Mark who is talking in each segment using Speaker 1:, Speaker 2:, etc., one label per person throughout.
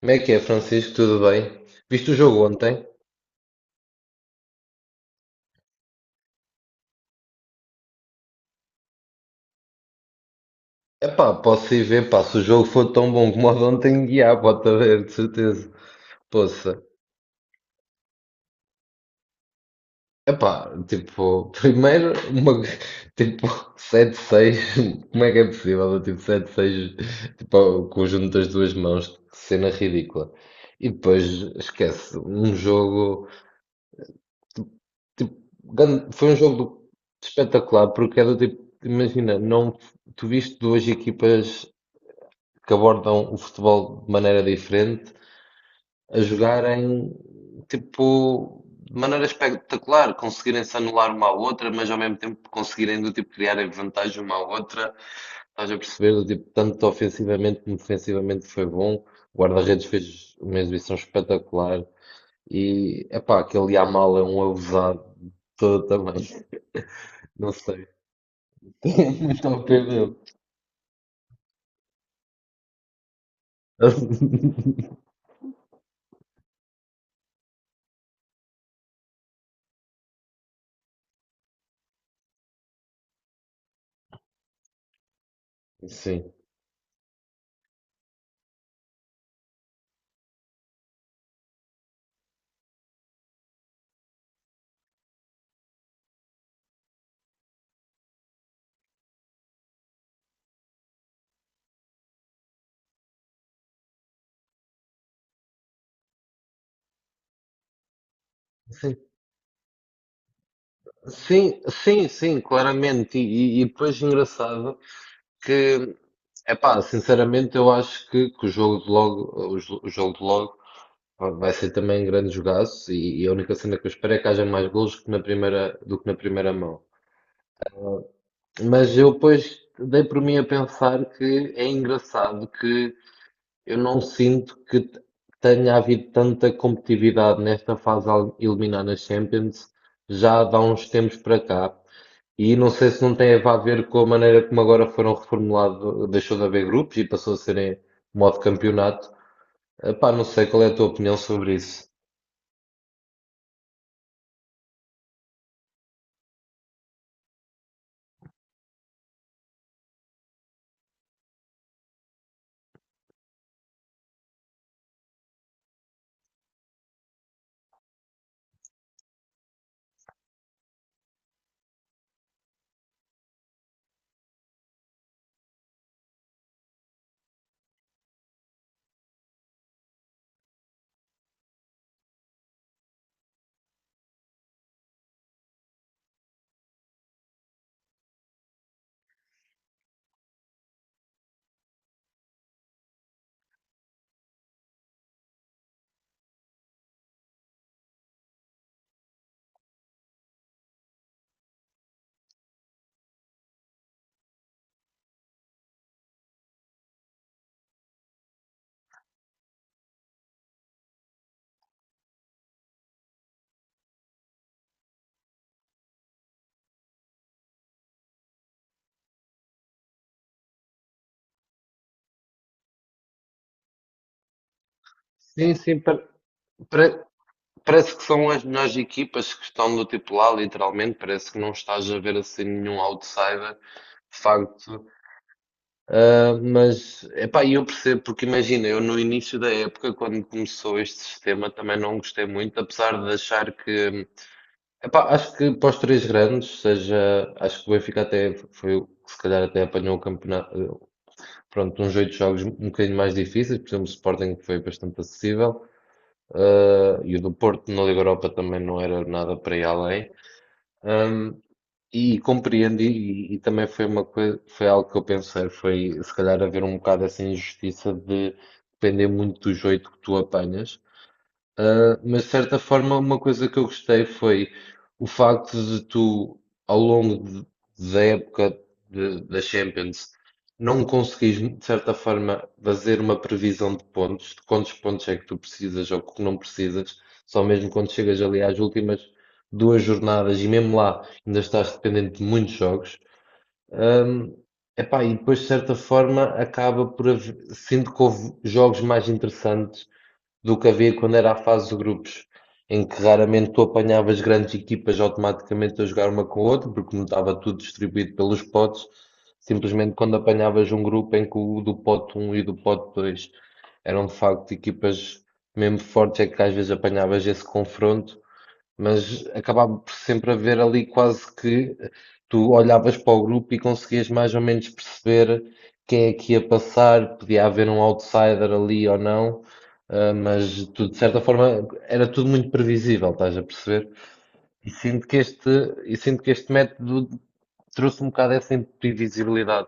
Speaker 1: Como é que é, Francisco? Tudo bem? Viste o jogo ontem? Epá, posso ir ver, pá, se o jogo for tão bom como o de ontem, guiar, pode haver, de certeza. Poça. Epá, tipo, primeiro, uma, tipo, sete seis. Como é que é possível? Tipo, sete seis, tipo, o conjunto das duas mãos, que cena ridícula. E depois, esquece, um jogo, tipo, foi um espetacular, porque era tipo, imagina, não, tu viste duas equipas que abordam o futebol de maneira diferente, a jogarem tipo de maneira espetacular, conseguirem-se anular uma à outra, mas ao mesmo tempo conseguirem do tipo criarem vantagem uma à outra. Estás a perceber do tipo, tanto ofensivamente como defensivamente foi bom. O guarda-redes fez uma exibição espetacular e epá, aquele Yamal é um abusado todo também. Não sei. Tenho muito ao pé dele. Sim. Sim, sim, sim, claramente. E depois engraçado que, epá, sinceramente eu acho que o jogo de logo, o jogo de logo vai ser também um grande jogaço e a única cena que eu espero é que haja mais golos que na primeira, do que na primeira mão. Mas eu depois dei por mim a pensar que é engraçado que eu não sinto que tenha havido tanta competitividade nesta fase a eliminar nas Champions já de há uns tempos para cá. E não sei se não tem a ver com a maneira como agora foram reformulados, deixou de haver grupos e passou a serem modo campeonato. Epá, não sei qual é a tua opinião sobre isso. Sim, sim, pare- parece que são as melhores equipas que estão do tipo lá, literalmente. Parece que não estás a ver assim nenhum outsider, de facto. Ah, mas, epá, eu percebo, porque imagina, eu no início da época, quando começou este sistema, também não gostei muito, apesar de achar que. Epá, acho que para os três grandes, seja, acho que o Benfica até foi o que se calhar até apanhou o campeonato, pronto, uns oito jogos um bocadinho mais difíceis, por exemplo, o Sporting foi bastante acessível, e o do Porto na Liga Europa também não era nada para ir além. Ahm, e compreendi, também foi uma coisa, foi algo que eu pensei, foi se calhar haver um bocado essa injustiça de depender muito dos oito que tu apanhas. Mas de certa forma, uma coisa que eu gostei foi o facto de tu, ao longo de- da época da Champions, não conseguires, de certa forma, fazer uma previsão de pontos, de quantos pontos é que tu precisas ou que não precisas, só mesmo quando chegas ali às últimas duas jornadas e mesmo lá ainda estás dependente de muitos jogos. Um, Epá, e depois, de certa forma, acaba por haver, sinto que houve jogos mais interessantes do que havia quando era a fase de grupos, em que raramente tu apanhavas grandes equipas automaticamente a jogar uma com a outra, porque não estava tudo distribuído pelos potes, simplesmente quando apanhavas um grupo em que o do pote um e do pote 2 eram de facto equipas mesmo fortes, é que às vezes apanhavas esse confronto mas acabava por sempre haver ali quase que tu olhavas para o grupo e conseguias mais ou menos perceber quem é que ia passar, podia haver um outsider ali ou não, ah, mas tu, de certa forma era tudo muito previsível, estás a perceber? E sinto que este, e sinto que este método trouxe um bocado essa imprevisibilidade.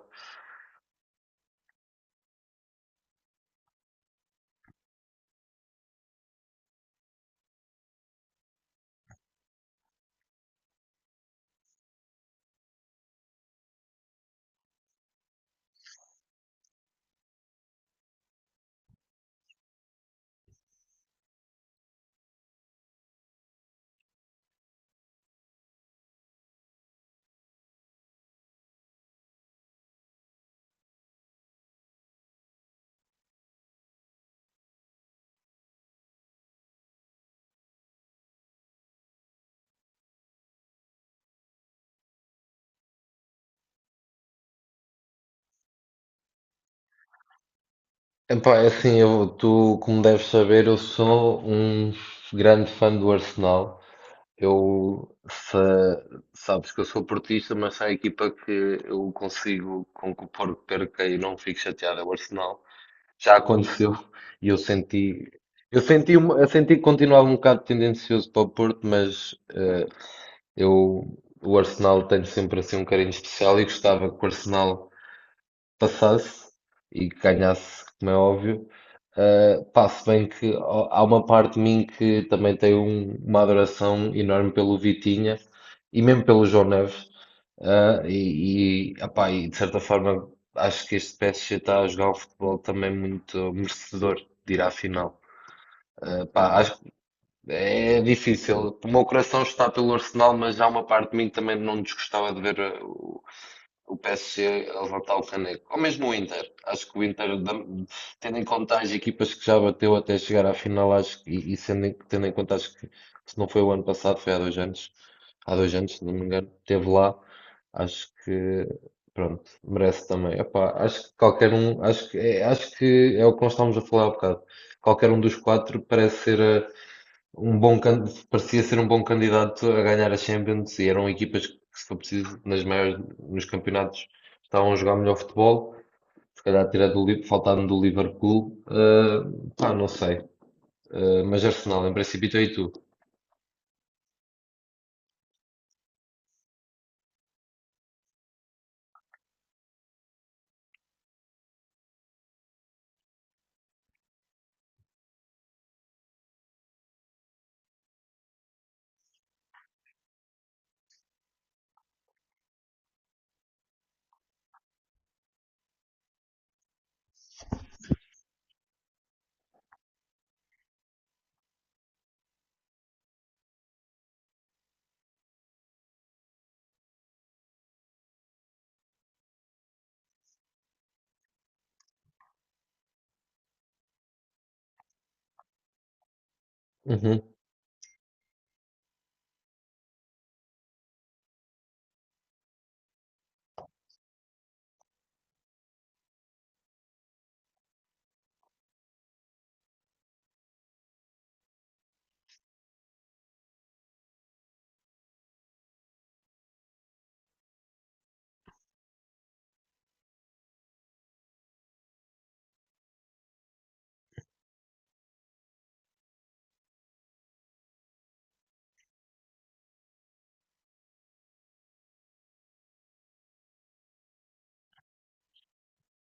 Speaker 1: Epá, é assim, eu, tu, como deves saber, eu sou um grande fã do Arsenal. Eu, sa- Sabes que eu sou portista, mas se há equipa que eu consigo com que o Porto perca e não fico chateado, é o Arsenal. Já aconteceu e eu senti que continuava um bocado tendencioso para o Porto, mas eu, o Arsenal tem sempre assim um carinho especial e gostava que o Arsenal passasse e que ganhasse, como é óbvio. Pá, se bem que ó, há uma parte de mim que também tem uma adoração enorme pelo Vitinha e mesmo pelo João Neves. Opá, e de certa forma acho que este PSG está a jogar um futebol também muito merecedor de ir à final. Pá, acho que é difícil. O meu coração está pelo Arsenal, mas há uma parte de mim que também não desgostava de ver o PSG a levantar o caneco. Ou mesmo o Inter. Acho que o Inter, tendo em conta as equipas que já bateu até chegar à final, acho que, sendo, tendo em conta, acho que se não foi o ano passado, foi há dois anos, se não me engano, esteve lá. Acho que, pronto, merece também. Epá, acho que qualquer um, acho que é o que nós estávamos a falar há bocado. Qualquer um dos quatro parece ser um parecia ser um bom candidato a ganhar a Champions e eram equipas que, se for preciso, nas maiores, nos campeonatos estavam a jogar melhor futebol. Se calhar tirar faltando do Liverpool, pá, não sei. Mas Arsenal, em princípio, e tu? Uhum.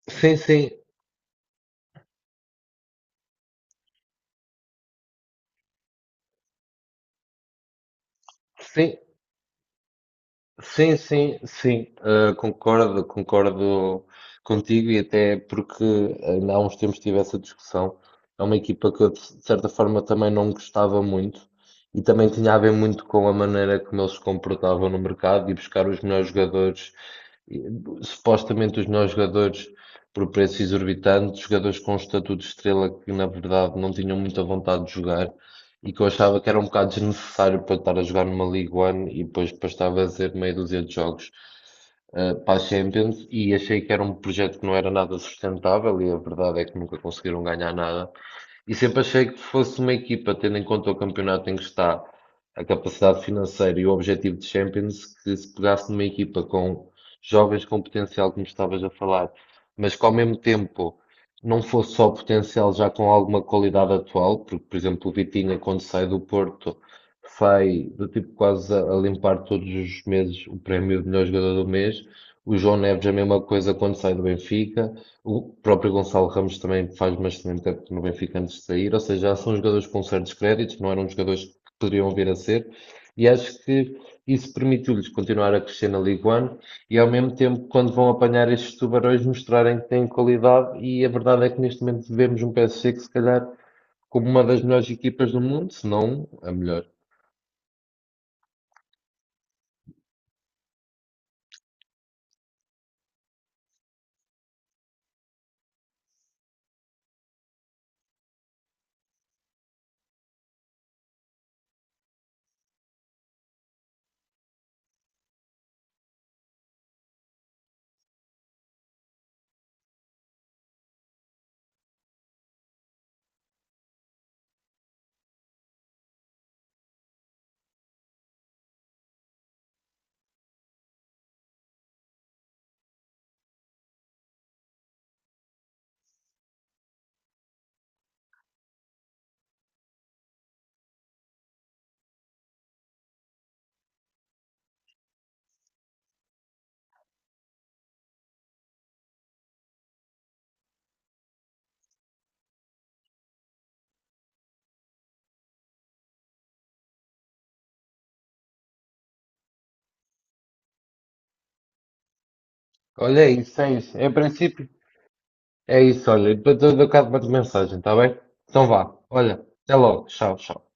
Speaker 1: Sim, sim, sim. Sim, sim, sim, concordo contigo e até porque ainda há uns tempos tive essa discussão. É uma equipa que eu, de certa forma, também não gostava muito e também tinha a ver muito com a maneira como eles se comportavam no mercado e buscar os melhores jogadores, e, supostamente os melhores jogadores por preços exorbitantes, jogadores com um estatuto de estrela que, na verdade, não tinham muita vontade de jogar. E que eu achava que era um bocado desnecessário para estar a jogar numa League One e depois para estar a fazer meia dúzia de jogos para a Champions e achei que era um projeto que não era nada sustentável e a verdade é que nunca conseguiram ganhar nada. E sempre achei que fosse uma equipa, tendo em conta o campeonato em que está, a capacidade financeira e o objetivo de Champions, que se pegasse numa equipa com jovens com potencial, como estavas a falar, mas que ao mesmo tempo não fosse só potencial já com alguma qualidade atual, porque, por exemplo, o Vitinha, quando sai do Porto, sai do tipo quase a limpar todos os meses o prémio de melhor jogador do mês. O João Neves, a mesma coisa quando sai do Benfica. O próprio Gonçalo Ramos também faz uma tempo no Benfica antes de sair, ou seja, já são jogadores com certos créditos, não eram jogadores que poderiam vir a ser, e acho que isso permitiu-lhes continuar a crescer na Ligue 1 e ao mesmo tempo, quando vão apanhar estes tubarões, mostrarem que têm qualidade. E a verdade é que neste momento vemos um PSG que, se calhar, como uma das melhores equipas do mundo, se não a melhor. Olha, é isso, é isso. Em princípio, é isso. Olha, depois eu dou cá de mensagem, está bem? Então vá. Olha, até logo. Tchau, tchau.